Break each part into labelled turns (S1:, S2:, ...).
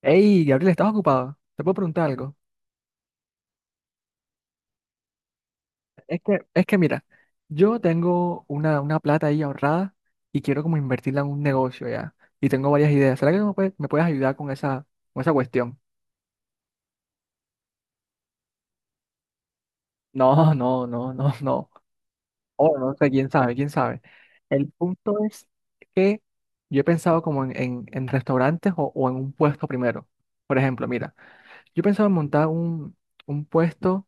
S1: Hey, Gabriel, ¿estás ocupado? ¿Te puedo preguntar algo? Es que mira, yo tengo una plata ahí ahorrada y quiero como invertirla en un negocio ya. Y tengo varias ideas. ¿Será que me puedes ayudar con esa cuestión? No, no, no, no, no. Oh, no sé, quién sabe, quién sabe. El punto es que yo he pensado como en restaurantes o en un puesto primero. Por ejemplo, mira, yo he pensado en montar un puesto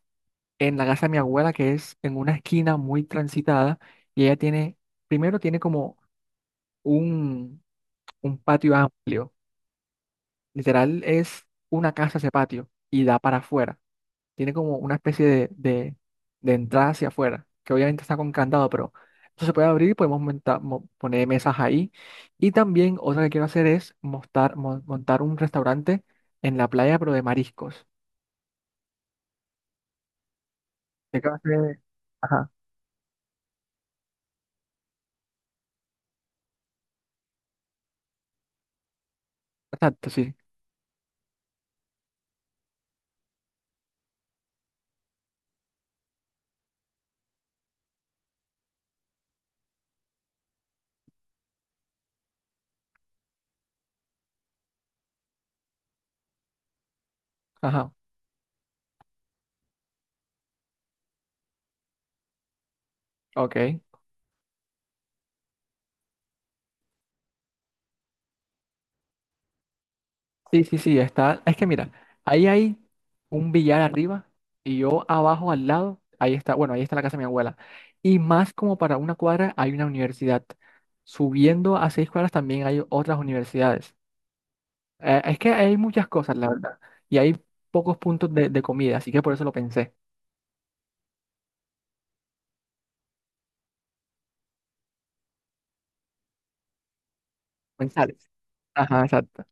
S1: en la casa de mi abuela, que es en una esquina muy transitada, y ella tiene, primero tiene como un, un patio amplio, literal es una casa ese patio, y da para afuera, tiene como una especie de entrada hacia afuera, que obviamente está con candado, pero eso se puede abrir y podemos poner mesas ahí, y también otra que quiero hacer es montar un restaurante en la playa, pero de mariscos. Sé que va a ser- Ajá, exacto, sí, ajá, ok. Sí, sí, sí, está. Es que mira, ahí hay un billar arriba y yo abajo al lado, ahí está, bueno, ahí está la casa de mi abuela. Y más como para una cuadra hay una universidad. Subiendo a 6 cuadras también hay otras universidades. Es que hay muchas cosas, la verdad. Y hay pocos puntos de comida, así que por eso lo pensé. González. Ajá, exacto,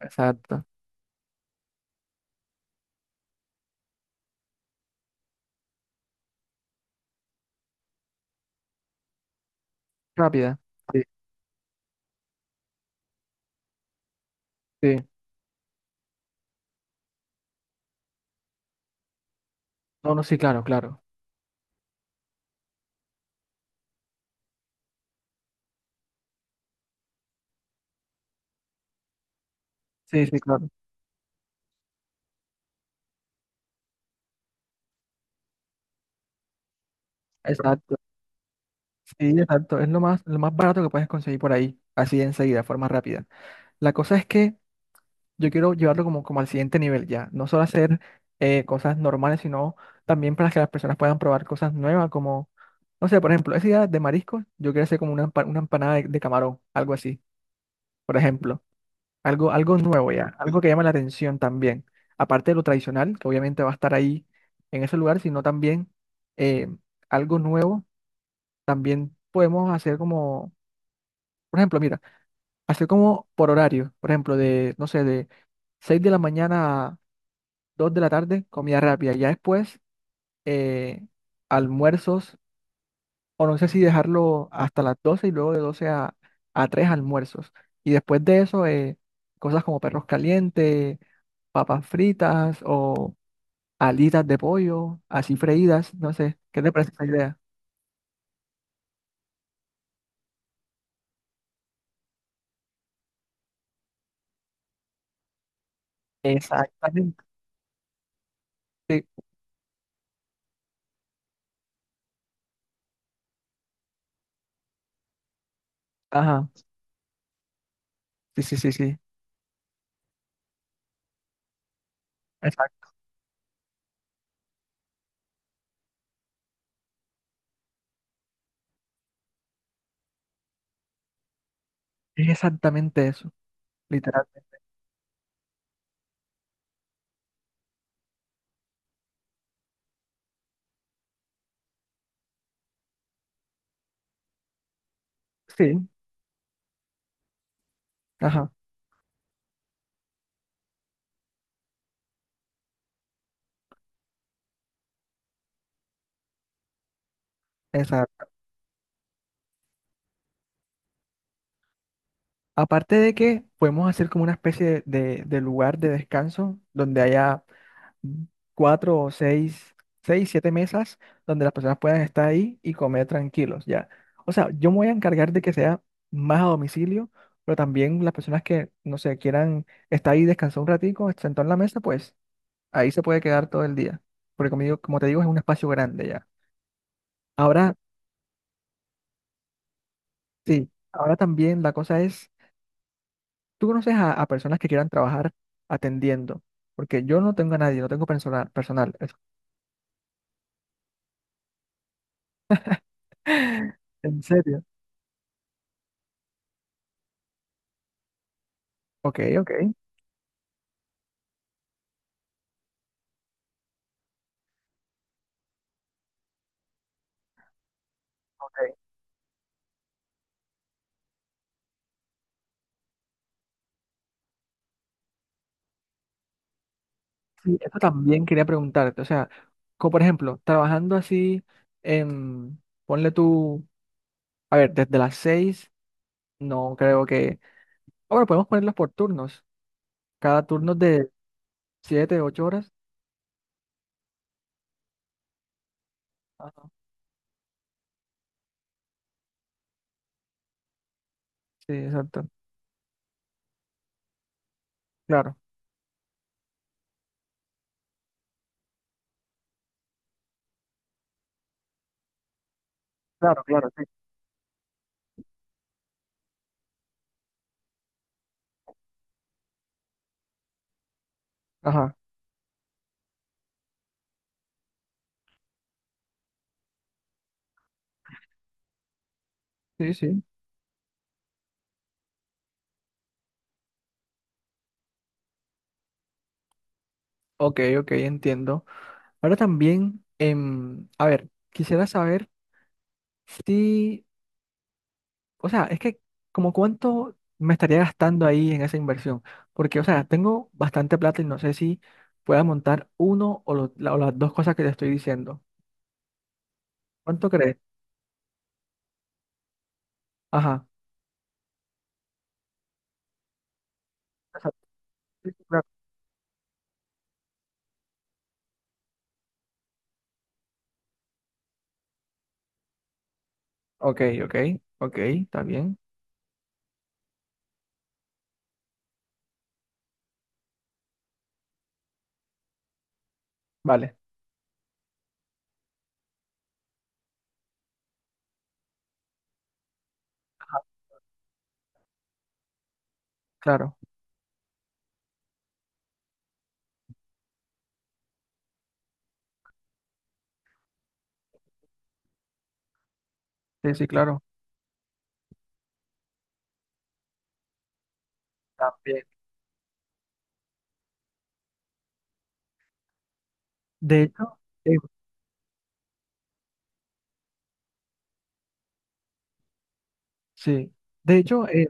S1: exacto. Rápida. Sí, sí. No, no, sí, claro, claro. Sí, sí, claro. Exacto. Sí, exacto. Es lo más barato que puedes conseguir por ahí, así de enseguida, de forma rápida. La cosa es que yo quiero llevarlo como, como al siguiente nivel ya. No solo hacer cosas normales, sino también para que las personas puedan probar cosas nuevas, como, no sé, por ejemplo, esa idea de mariscos, yo quiero hacer como una, una empanada de camarón, algo así, por ejemplo. Algo, algo nuevo ya, algo que llame la atención también. Aparte de lo tradicional, que obviamente va a estar ahí en ese lugar, sino también eh, algo nuevo, también podemos hacer como, por ejemplo, mira. Así como por horario, por ejemplo, de, no sé, de 6 de la mañana a 2 de la tarde, comida rápida. Ya después, eh, almuerzos, o no sé si dejarlo hasta las 12 y luego de 12 a 3 almuerzos. Y después de eso, cosas como perros calientes, papas fritas o alitas de pollo, así freídas, no sé, ¿qué te parece esa idea? Exactamente. Sí, ajá, sí, sí, sí, sí. Exact- Es exactamente eso, literalmente. Sí, ajá. Aparte de que podemos hacer como una especie de lugar de descanso donde haya cuatro o seis, siete mesas donde las personas puedan estar ahí y comer tranquilos, ya. O sea, yo me voy a encargar de que sea más a domicilio, pero también las personas que, no sé, quieran estar ahí, descansar un ratico, sentado en la mesa, pues ahí se puede quedar todo el día. Porque conmigo, como te digo, es un espacio grande ya. Ahora, sí, ahora también la cosa es ¿tú conoces a personas que quieran trabajar atendiendo? Porque yo no tengo a nadie, no tengo personal. ¿En serio? Ok, ok. Ok. Sí, esto también quería preguntarte. O sea, como por ejemplo, trabajando así, en, ponle tú, a ver, desde las seis, no creo que... Ah, bueno, podemos ponerlos por turnos. Cada turno es de 7 u 8 horas. Ajá. Sí, exacto. Claro, claro, claro, sí. Ajá. Sí, sí. Ok, ok, entiendo. Ahora también, a ver, quisiera saber... Sí, o sea, es que como cuánto me estaría gastando ahí en esa inversión, porque, o sea, tengo bastante plata y no sé si pueda montar uno o, o las dos cosas que te estoy diciendo. ¿Cuánto crees? Ajá. Exacto, sí, sí, claro. Ok, ok, ok, está bien. Vale. Ajá, claro. Sí, sí, claro. También. De hecho, eh, sí. De hecho,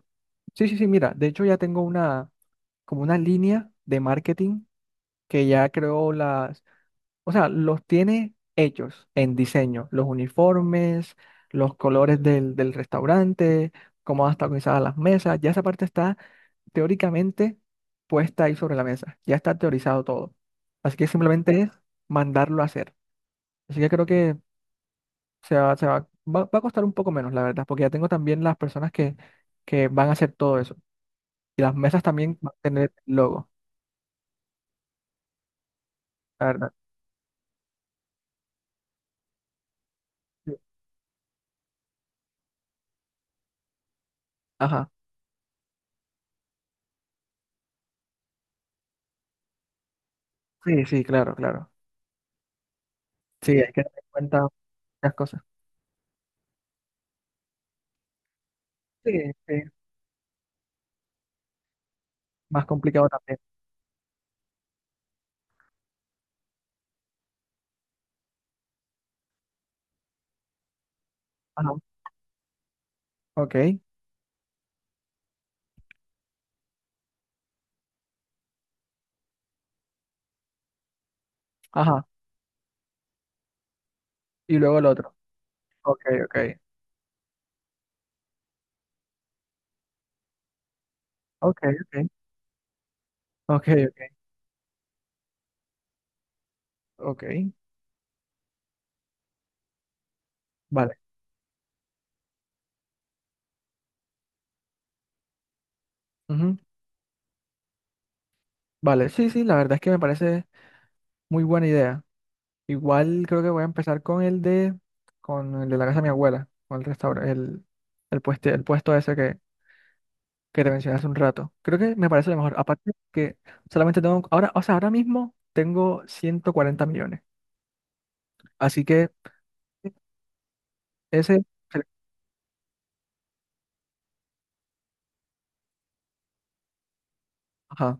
S1: sí, sí, sí, mira, de hecho ya tengo una, como una línea de marketing que ya creo la. O sea, los tiene hechos en diseño, los uniformes, los colores del restaurante, cómo van a estar organizadas las mesas, ya esa parte está teóricamente puesta ahí sobre la mesa, ya está teorizado todo. Así que simplemente es mandarlo a hacer. Así que creo que va a costar un poco menos, la verdad, porque ya tengo también las personas que van a hacer todo eso. Y las mesas también van a tener logo, la verdad. Sí. Ajá. Sí, sí, claro, claro. Sí, hay que tener en cuenta muchas cosas. Sí, sí. Más complicado también. Ajá. Ok. Ajá. Y luego el otro. Ok, ok. Ok, ok. Ok, ok. Ok. Vale. Ujú. Vale. Sí, sí, la verdad es que me parece muy buena idea. Igual creo que voy a empezar con el de la casa de mi abuela, con el restaurante, el, el puesto ese que te mencioné hace un rato. Creo que me parece lo mejor. Aparte que solamente tengo, ahora, o sea, ahora mismo tengo 140 millones. Así que ese, ajá.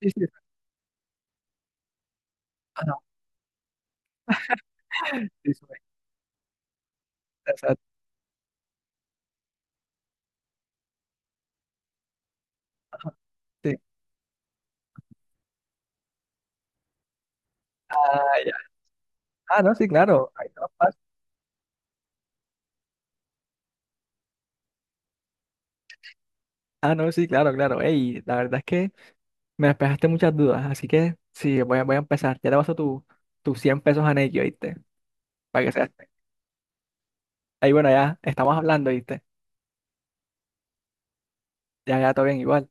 S1: Sí, sí, ajá. Sí, sí, exacto. Sí. Ah, ya. Ah, no, sí, claro. Ahí no pasa. Ah, no, sí, claro, claro. Ey, la verdad es que me despejaste muchas dudas, así que sí, voy a empezar. Ya te paso tus 100 pesos a Nequi, ¿oíste? Para que seas. Ahí, bueno, ya estamos hablando, ¿oíste? Ya, ya, todo bien, igual.